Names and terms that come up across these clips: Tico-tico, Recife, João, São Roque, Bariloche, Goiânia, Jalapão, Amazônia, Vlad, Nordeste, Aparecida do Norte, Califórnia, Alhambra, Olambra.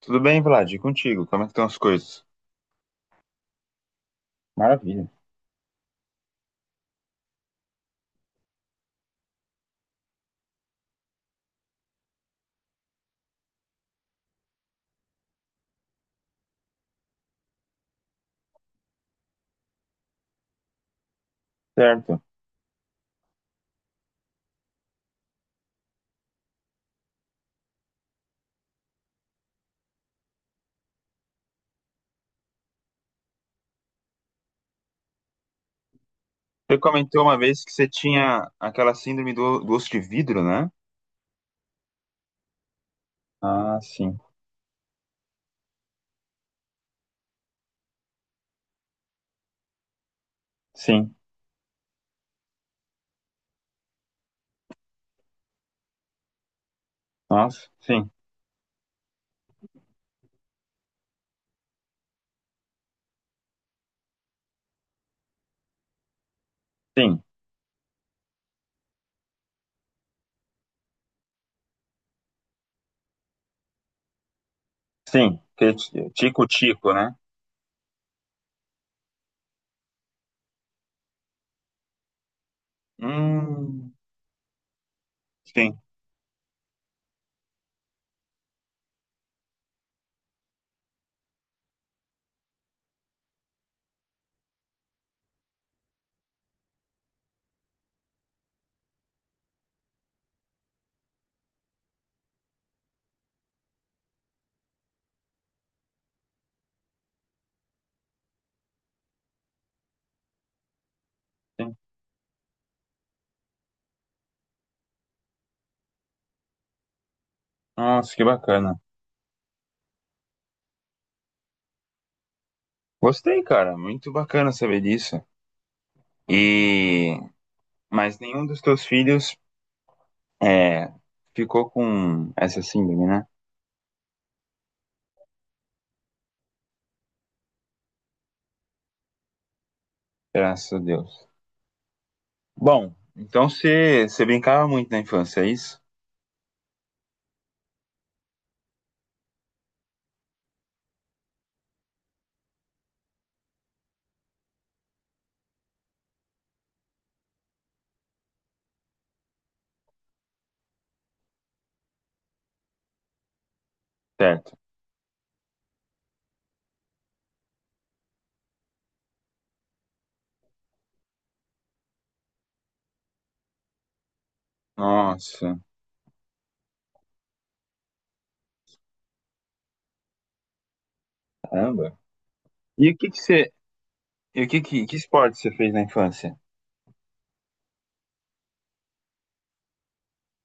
Tudo bem, Vlad? E contigo? Como é que estão as coisas? Maravilha. Certo. Você comentou uma vez que você tinha aquela síndrome do osso de vidro, né? Ah, sim. Sim. Nossa. Sim, sim, sim. Que é tico-tico, né? Hum, sim, sim. Nossa, que bacana. Gostei, cara. Muito bacana saber disso. E... Mas nenhum dos teus filhos é, ficou com essa síndrome, né? Graças a Deus. Bom, então você brincava muito na infância, é isso? Certo. Nossa, caramba. E o que que você, e o que que esporte você fez na infância?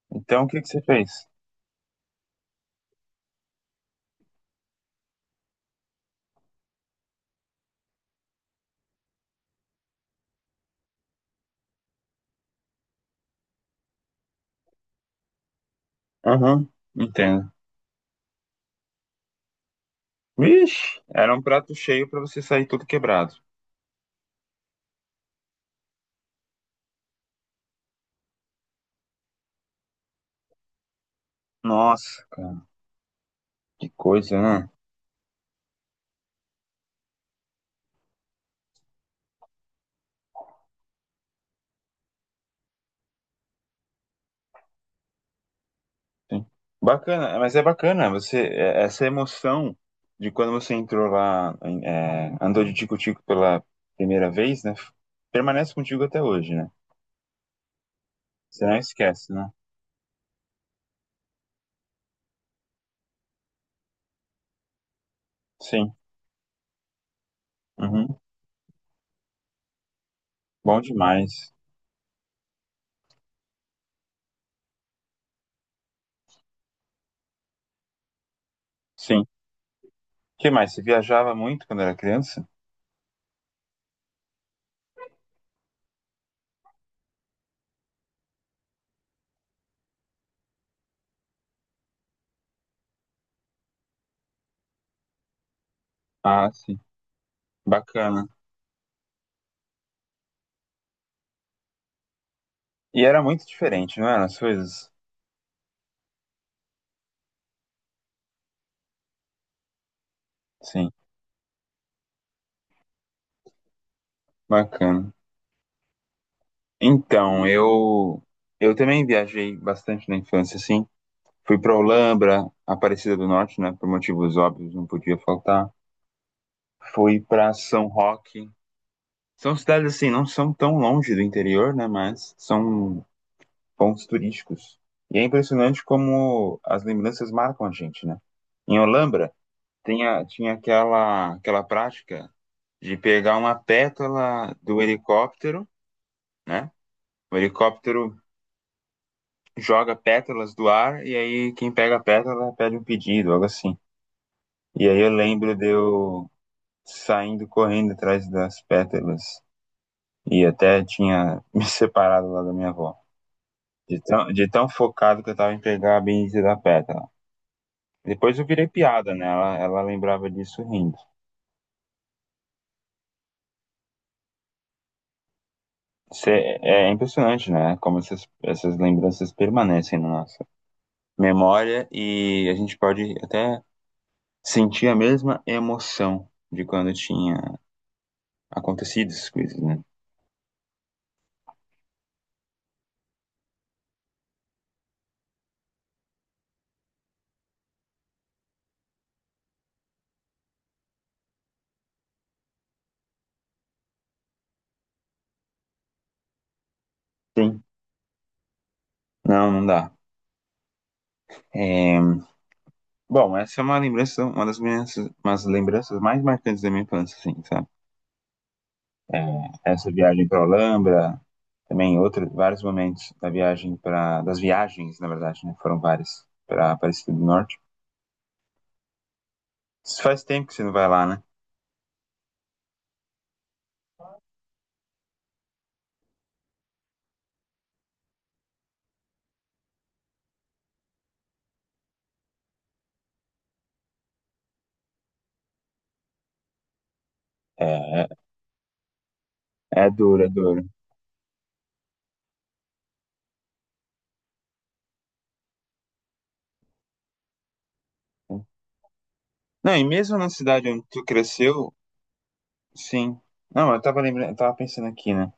Então, o que que você fez? Aham, entendo. Vixe, era um prato cheio pra você sair todo quebrado. Nossa, cara, que coisa, né? Sim. Bacana, mas é bacana você essa emoção de quando você entrou lá, andou de tico-tico pela primeira vez, né? Permanece contigo até hoje, né? Você não esquece, né? Sim. Uhum, bom demais. Sim. O que mais? Você viajava muito quando era criança? Ah, sim. Bacana. E era muito diferente, não era? As coisas? Sim, bacana. Então, eu também viajei bastante na infância, assim. Fui pra Olambra, Aparecida do Norte, né? Por motivos óbvios, não podia faltar. Fui pra São Roque. São cidades assim, não são tão longe do interior, né? Mas são pontos turísticos. E é impressionante como as lembranças marcam a gente, né? Em Olambra, tinha aquela prática de pegar uma pétala do helicóptero, né? O helicóptero joga pétalas do ar e aí quem pega a pétala pede um pedido, algo assim. E aí eu lembro de eu saindo correndo atrás das pétalas e até tinha me separado lá da minha avó. De tão focado que eu tava em pegar a bendita da pétala. Depois eu virei piada, né? Ela lembrava disso rindo. Cê- é impressionante, né? Como essas lembranças permanecem na nossa memória e a gente pode até sentir a mesma emoção de quando tinha acontecido essas coisas, né? Sim. Não, não dá. É, bom, essa é uma lembrança, uma umas lembranças mais marcantes da minha infância, assim, sabe? Essa viagem para Alhambra, também em vários momentos da viagem para das viagens, na verdade, né? Foram várias para Aparecida do Norte. Faz tempo que você não vai lá, né? É, é, é duro, é duro. Não, e mesmo na cidade onde tu cresceu, sim. Não, eu tava lembrando, eu tava pensando aqui, né?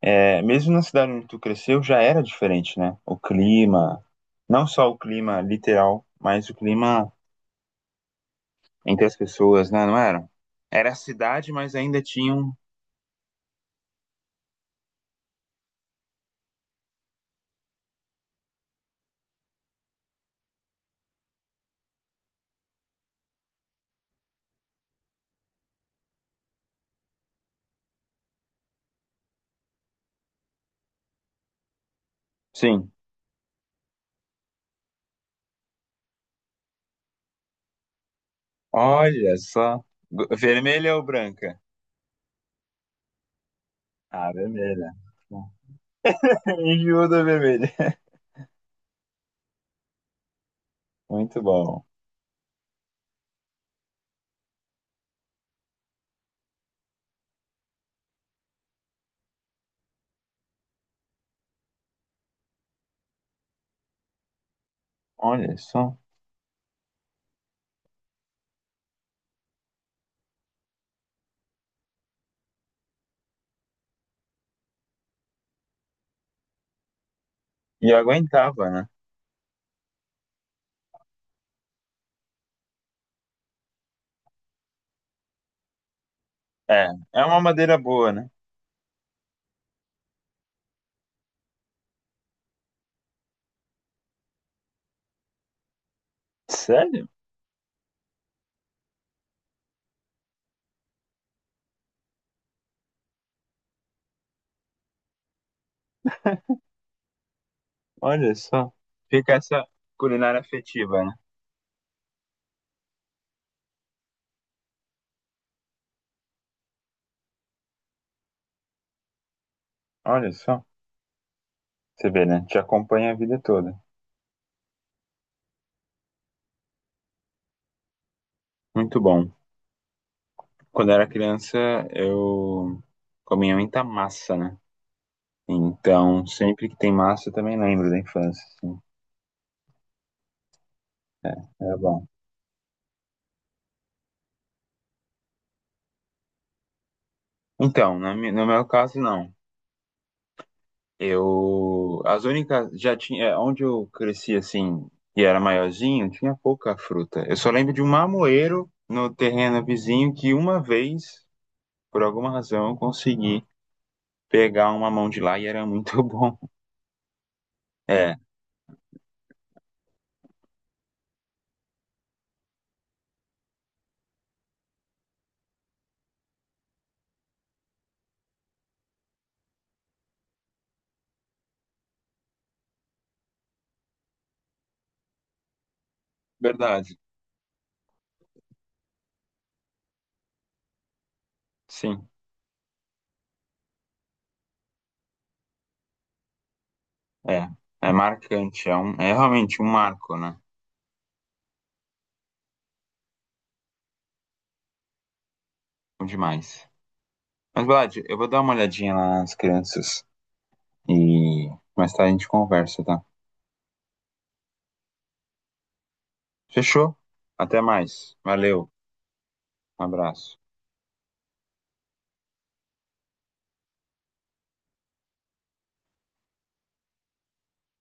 É, mesmo na cidade onde tu cresceu, já era diferente, né? O clima, não só o clima literal, mas o clima entre as pessoas, né? Não era? Era a cidade, mas ainda tinham. Sim. Olha só. Vermelha ou branca? A vermelha. Enjoou da vermelha. Muito bom. Olha só. E aguentava, né? É, é uma madeira boa, né? Sério? Olha só. Fica essa culinária afetiva, né? Olha só. Você vê, né? Te acompanha a vida toda. Muito bom. Quando eu era criança, eu comia muita massa, né? Então, sempre que tem massa, eu também lembro da infância, assim. Era bom. Então, na no meu caso, não. Eu, as únicas, já tinha, é, onde eu cresci assim, e era maiorzinho, tinha pouca fruta. Eu só lembro de um mamoeiro no terreno vizinho que uma vez, por alguma razão, eu consegui pegar uma mão de lá e era muito bom. É, verdade. Sim, é. É marcante, é realmente um marco, né? Bom demais. Mas, Vlad, eu vou dar uma olhadinha lá nas crianças e mais tarde a gente conversa, tá? Fechou? Até mais. Valeu. Um abraço.